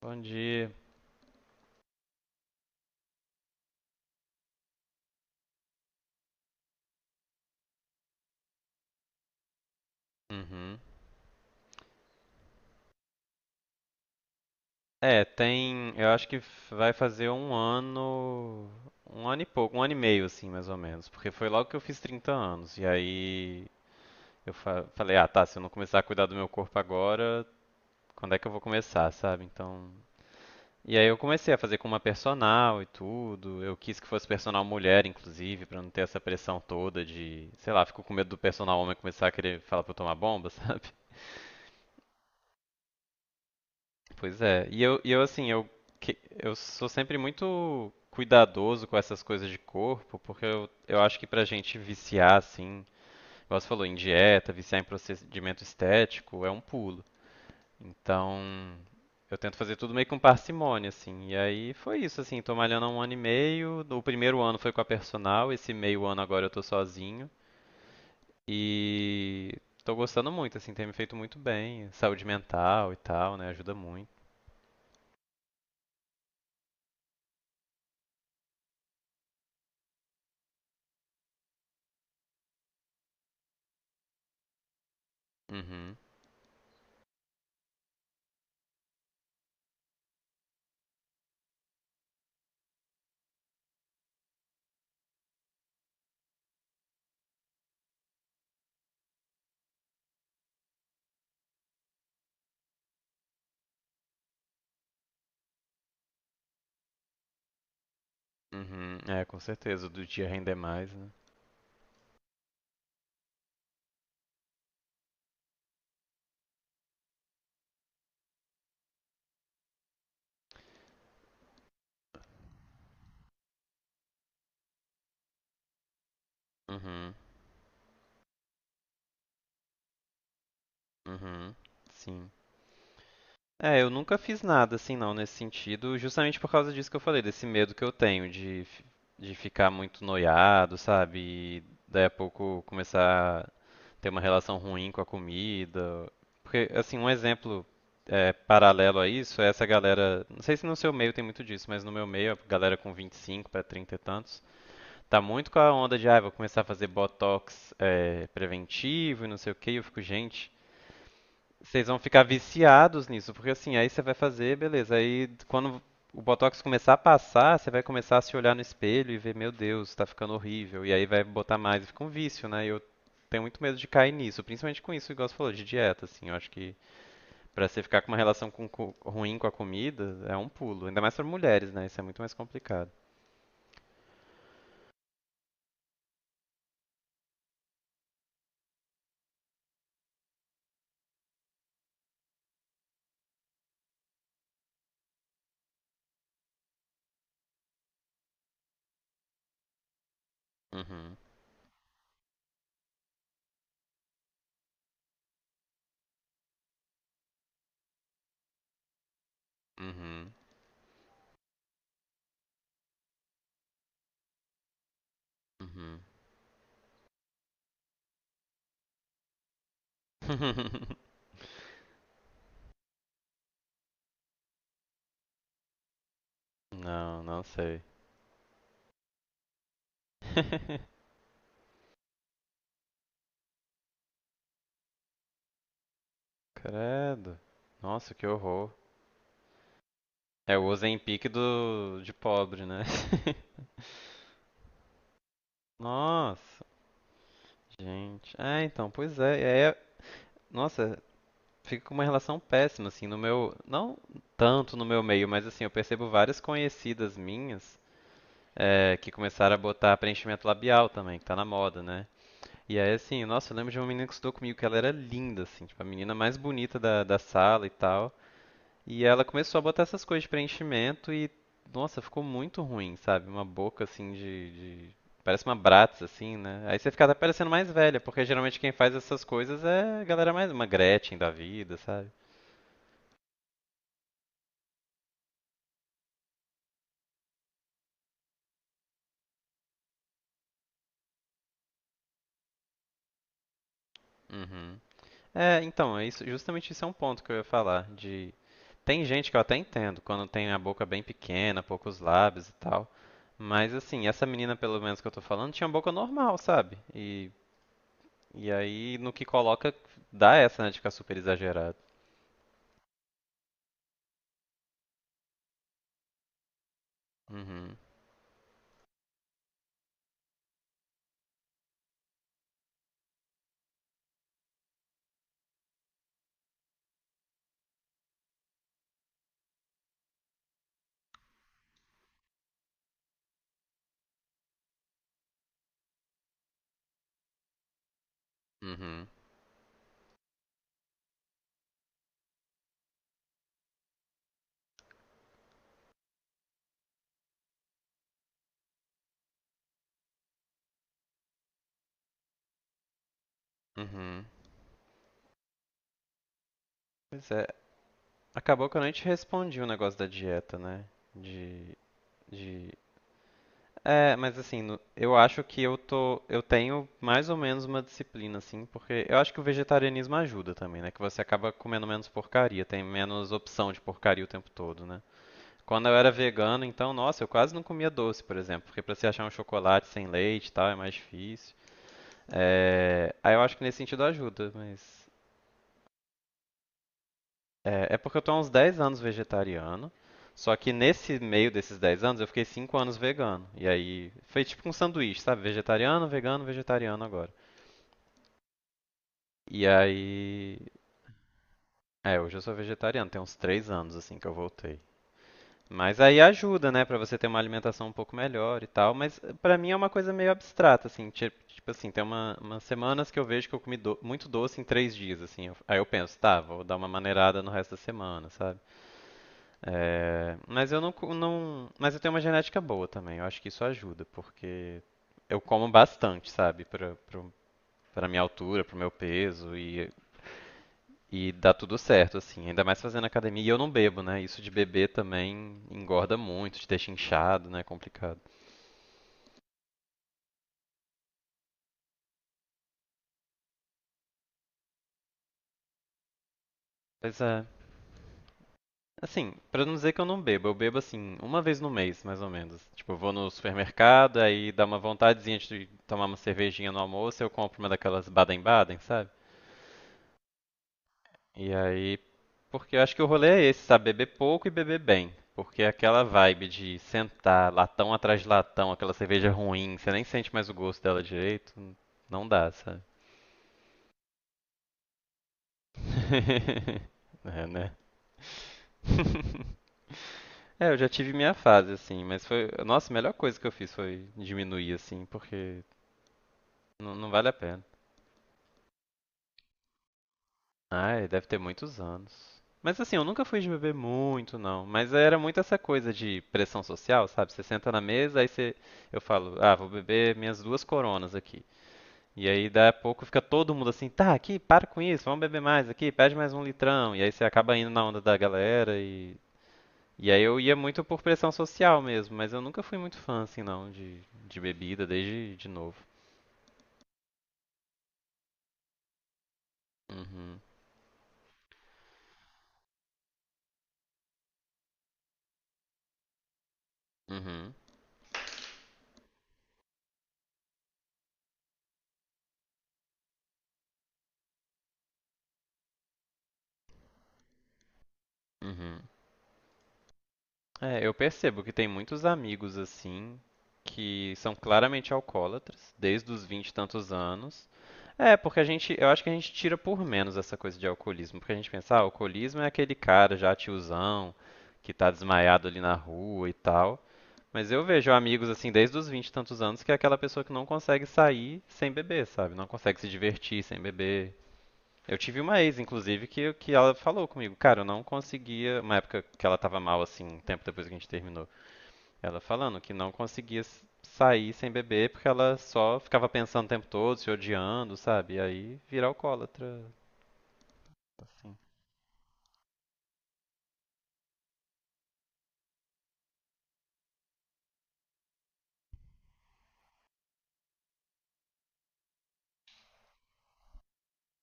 Bom dia. Uhum. É, tem. Eu acho que vai fazer um ano. Um ano e pouco, um ano e meio, assim, mais ou menos. Porque foi logo que eu fiz 30 anos. E aí eu falei, ah, tá, se eu não começar a cuidar do meu corpo agora, quando é que eu vou começar, sabe? Então. E aí eu comecei a fazer com uma personal e tudo. Eu quis que fosse personal mulher, inclusive, pra não ter essa pressão toda de, sei lá, fico com medo do personal homem começar a querer falar pra eu tomar bomba, sabe? Pois é. E eu assim, eu sou sempre muito cuidadoso com essas coisas de corpo, porque eu acho que pra gente viciar, assim, igual você falou, em dieta, viciar em procedimento estético, é um pulo. Então, eu tento fazer tudo meio com parcimônia, assim. E aí foi isso, assim, tô malhando há um ano e meio. O primeiro ano foi com a personal, esse meio ano agora eu tô sozinho. E tô gostando muito, assim, tem me feito muito bem. Saúde mental e tal, né? Ajuda muito. Uhum. Uhum, é, com certeza, do dia render mais, né? Uhum, uhum, sim. É, eu nunca fiz nada assim não nesse sentido, justamente por causa disso que eu falei, desse medo que eu tenho de ficar muito noiado, sabe? E daí a pouco começar a ter uma relação ruim com a comida. Porque, assim, um exemplo é, paralelo a isso é essa galera. Não sei se no seu meio tem muito disso, mas no meu meio, a galera com 25 para 30 e tantos. Tá muito com a onda de, ah, vou começar a fazer botox é, preventivo e não sei o que eu fico, gente, vocês vão ficar viciados nisso, porque assim, aí você vai fazer, beleza. Aí quando o botox começar a passar, você vai começar a se olhar no espelho e ver, meu Deus, tá ficando horrível. E aí vai botar mais e fica um vício, né? E eu tenho muito medo de cair nisso, principalmente com isso, igual você falou, de dieta, assim. Eu acho que pra você ficar com uma relação ruim com a comida, é um pulo. Ainda mais pra mulheres, né? Isso é muito mais complicado. Uhum, uhum, uhum. Não, não sei. Credo. Nossa, que horror. É o Ozempic do de pobre, né? Nossa, gente. É, então, pois é. Nossa, fica com uma relação péssima, assim, no meu. Não tanto no meu meio, mas assim, eu percebo várias conhecidas minhas que começaram a botar preenchimento labial também, que tá na moda, né? E aí, assim, nossa, eu lembro de uma menina que estudou comigo, que ela era linda, assim, tipo, a menina mais bonita da sala e tal. E ela começou a botar essas coisas de preenchimento e, nossa, ficou muito ruim, sabe? Uma boca assim de- Parece uma Bratz, assim, né? Aí você fica até parecendo mais velha, porque geralmente quem faz essas coisas é a galera mais. Uma Gretchen da vida, sabe? Uhum. É, então, é isso, justamente isso é um ponto que eu ia falar, de tem gente que eu até entendo quando tem a boca bem pequena, poucos lábios e tal, mas assim, essa menina pelo menos que eu tô falando tinha boca normal, sabe? E aí, no que coloca, dá essa, né, de ficar super exagerado. Uhum, uhum, uhum. Pois é, acabou que eu nem te respondi o negócio da dieta, né? De, de... É, mas assim, eu acho que eu tenho mais ou menos uma disciplina, assim, porque eu acho que o vegetarianismo ajuda também, né? Que você acaba comendo menos porcaria, tem menos opção de porcaria o tempo todo, né? Quando eu era vegano, então, nossa, eu quase não comia doce, por exemplo, porque pra você achar um chocolate sem leite e tal, é mais difícil. É, aí eu acho que nesse sentido ajuda, mas. É porque eu tô há uns 10 anos vegetariano. Só que nesse meio desses 10 anos eu fiquei 5 anos vegano. E aí. Foi tipo um sanduíche, sabe? Vegetariano, vegano, vegetariano agora. E aí. É, hoje eu sou vegetariano, tem uns 3 anos assim que eu voltei. Mas aí ajuda, né, pra você ter uma alimentação um pouco melhor e tal, mas pra mim é uma coisa meio abstrata, assim, tipo, assim, tem umas semanas que eu vejo que eu comi muito doce em 3 dias, assim, aí eu penso, tá, vou dar uma maneirada no resto da semana, sabe? Eh, mas eu não, co- não, mas eu tenho uma genética boa também, eu acho que isso ajuda, porque eu como bastante, sabe, pra minha altura, pro meu peso, e dá tudo certo, assim, ainda mais fazendo academia. E eu não bebo, né? Isso de beber também engorda muito, te deixa inchado, né? É complicado. Mas é. Assim, pra não dizer que eu não bebo, eu bebo assim, uma vez no mês, mais ou menos. Tipo, eu vou no supermercado, aí dá uma vontadezinha de tomar uma cervejinha no almoço, eu compro uma daquelas Baden-Baden, sabe? E aí. Porque eu acho que o rolê é esse, sabe? Beber pouco e beber bem. Porque é aquela vibe de sentar latão atrás de latão, aquela cerveja ruim, você nem sente mais o gosto dela direito, não dá, sabe? É, né? É, eu já tive minha fase, assim, mas foi. Nossa, a melhor coisa que eu fiz foi diminuir, assim, porque não, não vale a pena. Ai, deve ter muitos anos. Mas assim, eu nunca fui de beber muito, não. Mas era muito essa coisa de pressão social, sabe? Você senta na mesa, aí você. Eu falo, ah, vou beber minhas duas coronas aqui. E aí, daí a pouco, fica todo mundo assim, tá, aqui, para com isso, vamos beber mais aqui, pede mais um litrão. E aí você acaba indo na onda da galera e E aí eu ia muito por pressão social mesmo, mas eu nunca fui muito fã, assim, não, de, bebida, desde de novo. Uhum, uhum, uhum. É, eu percebo que tem muitos amigos, assim, que são claramente alcoólatras, desde os 20 e tantos anos. É, porque a gente, eu acho que a gente tira por menos essa coisa de alcoolismo, porque a gente pensa, ah, alcoolismo é aquele cara já tiozão, que tá desmaiado ali na rua e tal. Mas eu vejo amigos assim desde os 20 e tantos anos que é aquela pessoa que não consegue sair sem beber, sabe? Não consegue se divertir sem beber. Eu tive uma ex, inclusive, que ela falou comigo, cara, eu não conseguia, uma época que ela tava mal assim, um tempo depois que a gente terminou, ela falando que não conseguia sair sem beber porque ela só ficava pensando o tempo todo, se odiando, sabe? E aí vira alcoólatra.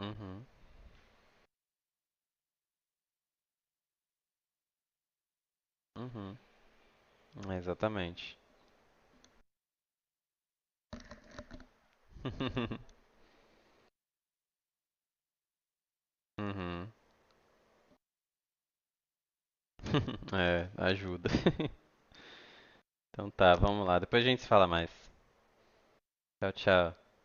Uhum, uhum, é, exatamente. Uhum. É, ajuda. Então tá, vamos lá. Depois a gente se fala mais. Tchau, tchau.